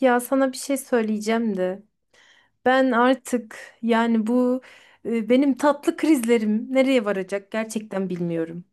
Ya sana bir şey söyleyeceğim de ben artık yani bu benim tatlı krizlerim nereye varacak gerçekten bilmiyorum.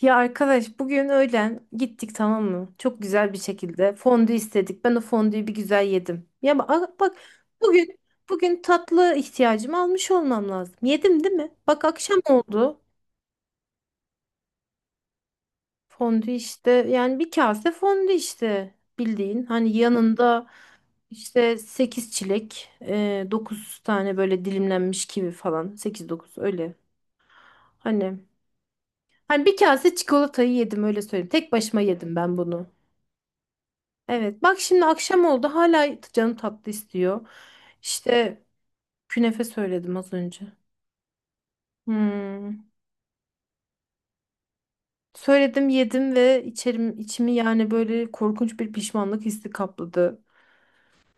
Ya arkadaş bugün öğlen gittik tamam mı? Çok güzel bir şekilde fondü istedik. Ben o fondüyü bir güzel yedim. Ya bak, bak bugün bugün tatlı ihtiyacımı almış olmam lazım. Yedim değil mi? Bak akşam oldu. Fondü işte yani bir kase fondü işte bildiğin. Hani yanında işte 8 çilek, 9 tane böyle dilimlenmiş kivi falan. Sekiz dokuz öyle. Hani hani bir kase çikolatayı yedim öyle söyleyeyim. Tek başıma yedim ben bunu. Evet bak şimdi akşam oldu hala canım tatlı istiyor. İşte künefe söyledim az önce. Hmm. Söyledim yedim ve içerim, içimi yani böyle korkunç bir pişmanlık hissi kapladı.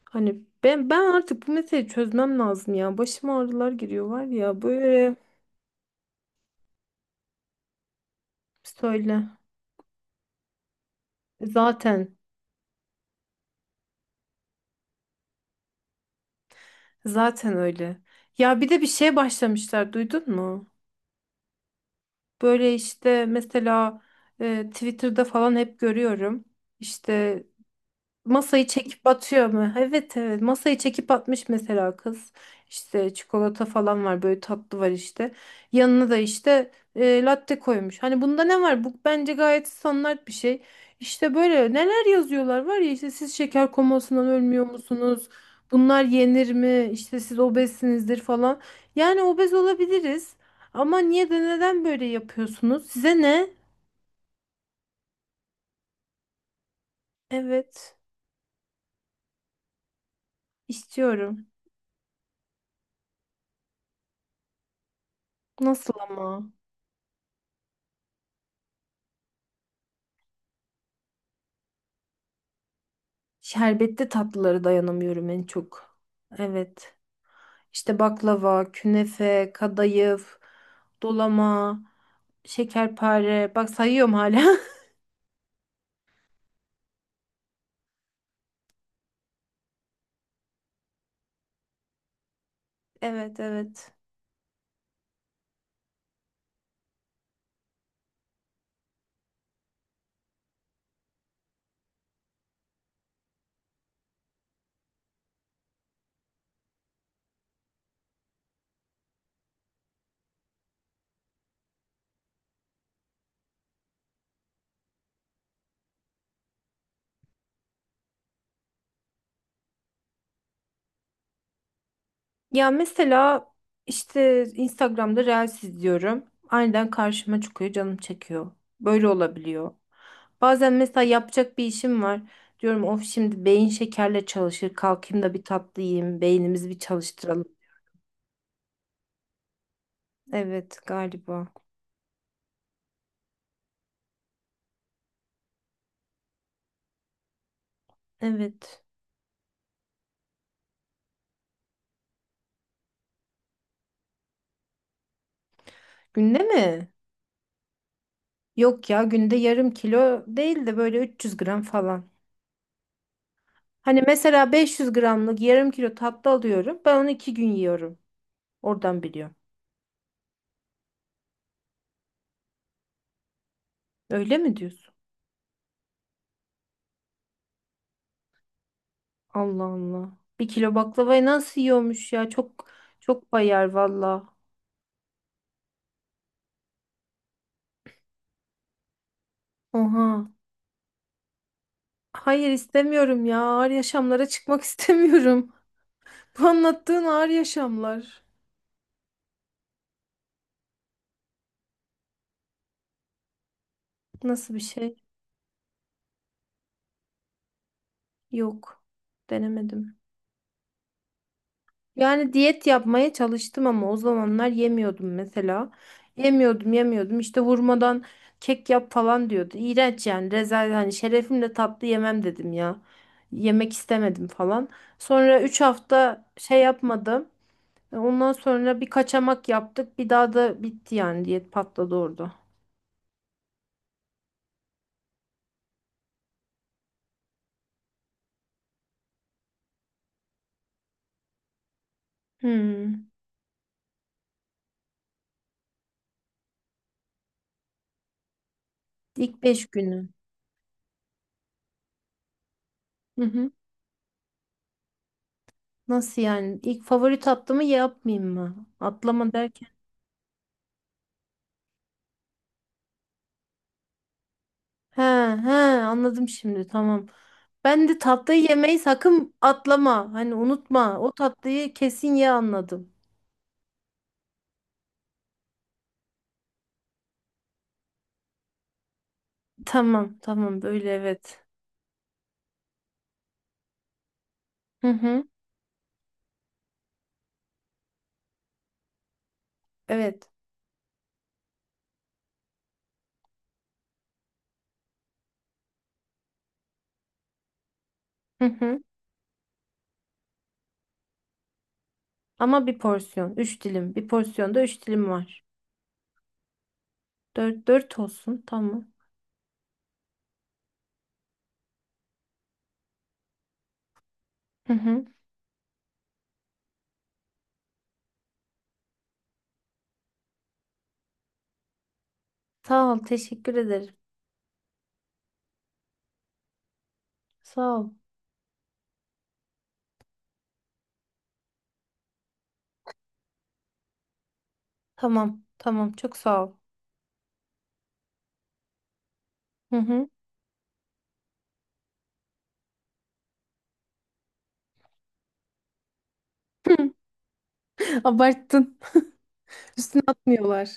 Hani ben artık bu meseleyi çözmem lazım ya. Başıma ağrılar giriyor var ya böyle söyle. Zaten zaten öyle. Ya bir de bir şeye başlamışlar duydun mu? Böyle işte mesela Twitter'da falan hep görüyorum. İşte masayı çekip atıyor mu? Evet evet masayı çekip atmış mesela kız. İşte çikolata falan var böyle tatlı var işte. Yanına da işte latte koymuş. Hani bunda ne var? Bu bence gayet standart bir şey. İşte böyle neler yazıyorlar var ya işte siz şeker komasından ölmüyor musunuz? Bunlar yenir mi? İşte siz obezsinizdir falan. Yani obez olabiliriz. Ama niye de neden böyle yapıyorsunuz? Size ne? Evet istiyorum. Nasıl ama? Şerbetli tatlılara dayanamıyorum en çok. Evet. İşte baklava, künefe, kadayıf, dolama, şekerpare. Bak sayıyorum hala. Evet, evet. Ya mesela işte Instagram'da Reels izliyorum. Aniden karşıma çıkıyor, canım çekiyor. Böyle olabiliyor. Bazen mesela yapacak bir işim var. Diyorum of şimdi beyin şekerle çalışır. Kalkayım da bir tatlı yiyeyim. Beynimizi bir çalıştıralım. Evet galiba. Evet. Günde mi? Yok ya günde yarım kilo değil de böyle 300 gram falan. Hani mesela 500 gramlık yarım kilo tatlı alıyorum. Ben onu iki gün yiyorum. Oradan biliyorum. Öyle mi diyorsun? Allah Allah. Bir kilo baklavayı nasıl yiyormuş ya? Çok bayar valla. Oha. Hayır istemiyorum ya. Ağır yaşamlara çıkmak istemiyorum. Bu anlattığın ağır yaşamlar. Nasıl bir şey? Yok. Denemedim. Yani diyet yapmaya çalıştım ama o zamanlar yemiyordum mesela. Yemiyordum. İşte vurmadan kek yap falan diyordu. İğrenç yani. Rezalet hani şerefimle tatlı yemem dedim ya. Yemek istemedim falan. Sonra 3 hafta şey yapmadım. Ondan sonra bir kaçamak yaptık. Bir daha da bitti yani diyet patladı orada. Hmm. İlk 5 günü. Hı hı. Nasıl yani? İlk favori tatlımı yapmayayım mı? Atlama der. He he anladım şimdi tamam. Ben de tatlıyı yemeyi sakın atlama. Hani unutma. O tatlıyı kesin ye anladım. Tamam böyle evet. Hı hı evet. Hı hı. Ama bir porsiyon. Üç dilim. Bir porsiyonda üç dilim var. Dört, dört olsun tamam. Hı hı. Sağ ol teşekkür ederim. Sağ ol. Tamam çok sağ ol. Hı hı. Abarttın. Atmıyorlar.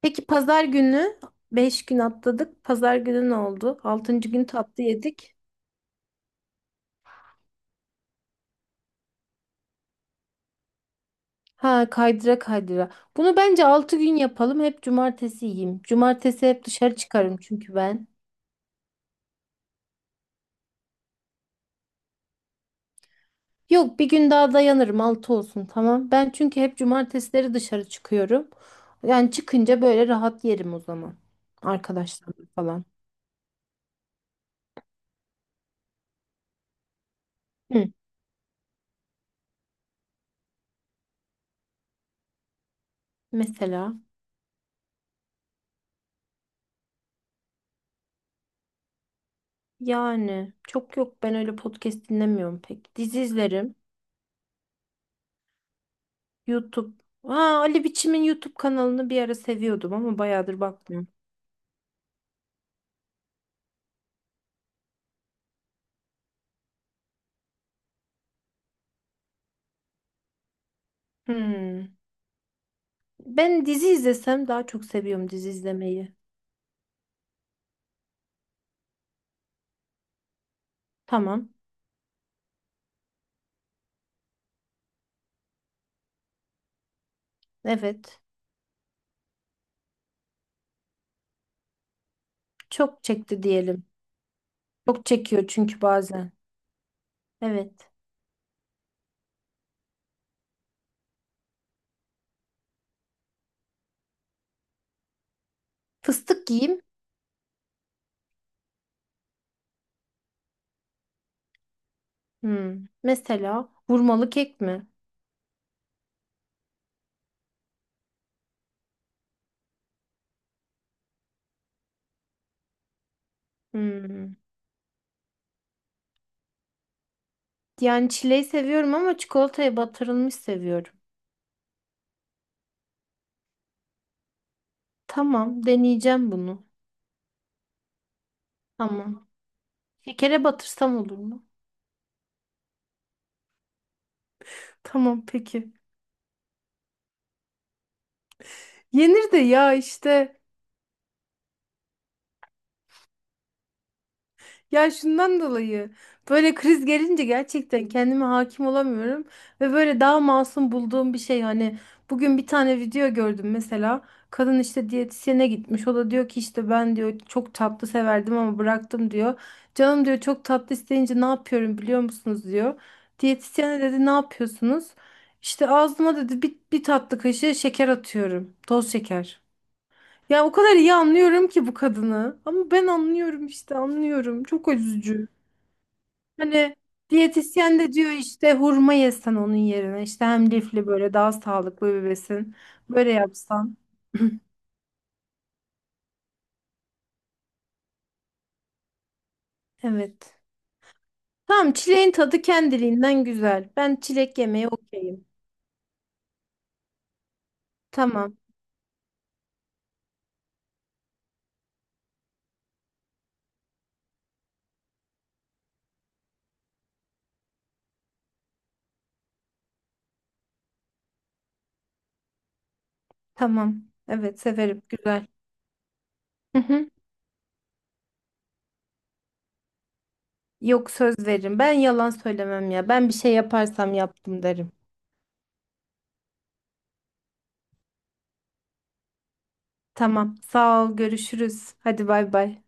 Peki pazar günü 5 gün atladık. Pazar günü ne oldu? Altıncı gün tatlı yedik. Ha kaydıra kaydıra. Bunu bence 6 gün yapalım. Hep cumartesi yiyeyim. Cumartesi hep dışarı çıkarım çünkü ben. Yok bir gün daha dayanırım. 6 olsun tamam. Ben çünkü hep cumartesileri dışarı çıkıyorum. Yani çıkınca böyle rahat yerim o zaman. Arkadaşlarım falan. Hı. Mesela yani çok yok ben öyle podcast dinlemiyorum pek. Dizi izlerim. YouTube. Aa, Ali Biçim'in YouTube kanalını bir ara seviyordum ama bayağıdır bakmıyorum. Hmm. Ben dizi izlesem daha çok seviyorum dizi izlemeyi. Tamam. Evet. Çok çekti diyelim. Çok çekiyor çünkü bazen. Evet. Fıstık yiyeyim. Hmm. Mesela vurmalı kek mi? Hmm. Yani çileği seviyorum ama çikolataya batırılmış seviyorum. Tamam, deneyeceğim bunu. Tamam. Şekere batırsam olur mu? Tamam, peki. Yenir de ya işte. Ya şundan dolayı böyle kriz gelince gerçekten kendime hakim olamıyorum ve böyle daha masum bulduğum bir şey hani bugün bir tane video gördüm mesela. Kadın işte diyetisyene gitmiş, o da diyor ki işte ben diyor çok tatlı severdim ama bıraktım diyor, canım diyor çok tatlı isteyince ne yapıyorum biliyor musunuz diyor. Diyetisyene dedi ne yapıyorsunuz, işte ağzıma dedi bir tatlı kaşığı şeker atıyorum toz şeker. Ya o kadar iyi anlıyorum ki bu kadını. Ama ben anlıyorum işte anlıyorum. Çok üzücü. Hani diyetisyen de diyor işte hurma yesen onun yerine. İşte hem lifli böyle daha sağlıklı bir besin. Böyle yapsan. Evet. Tamam çileğin tadı kendiliğinden güzel. Ben çilek yemeye okeyim. Tamam. Tamam. Evet severim. Güzel. Hı hı. Yok söz veririm. Ben yalan söylemem ya. Ben bir şey yaparsam yaptım derim. Tamam. Sağ ol. Görüşürüz. Hadi bay bay.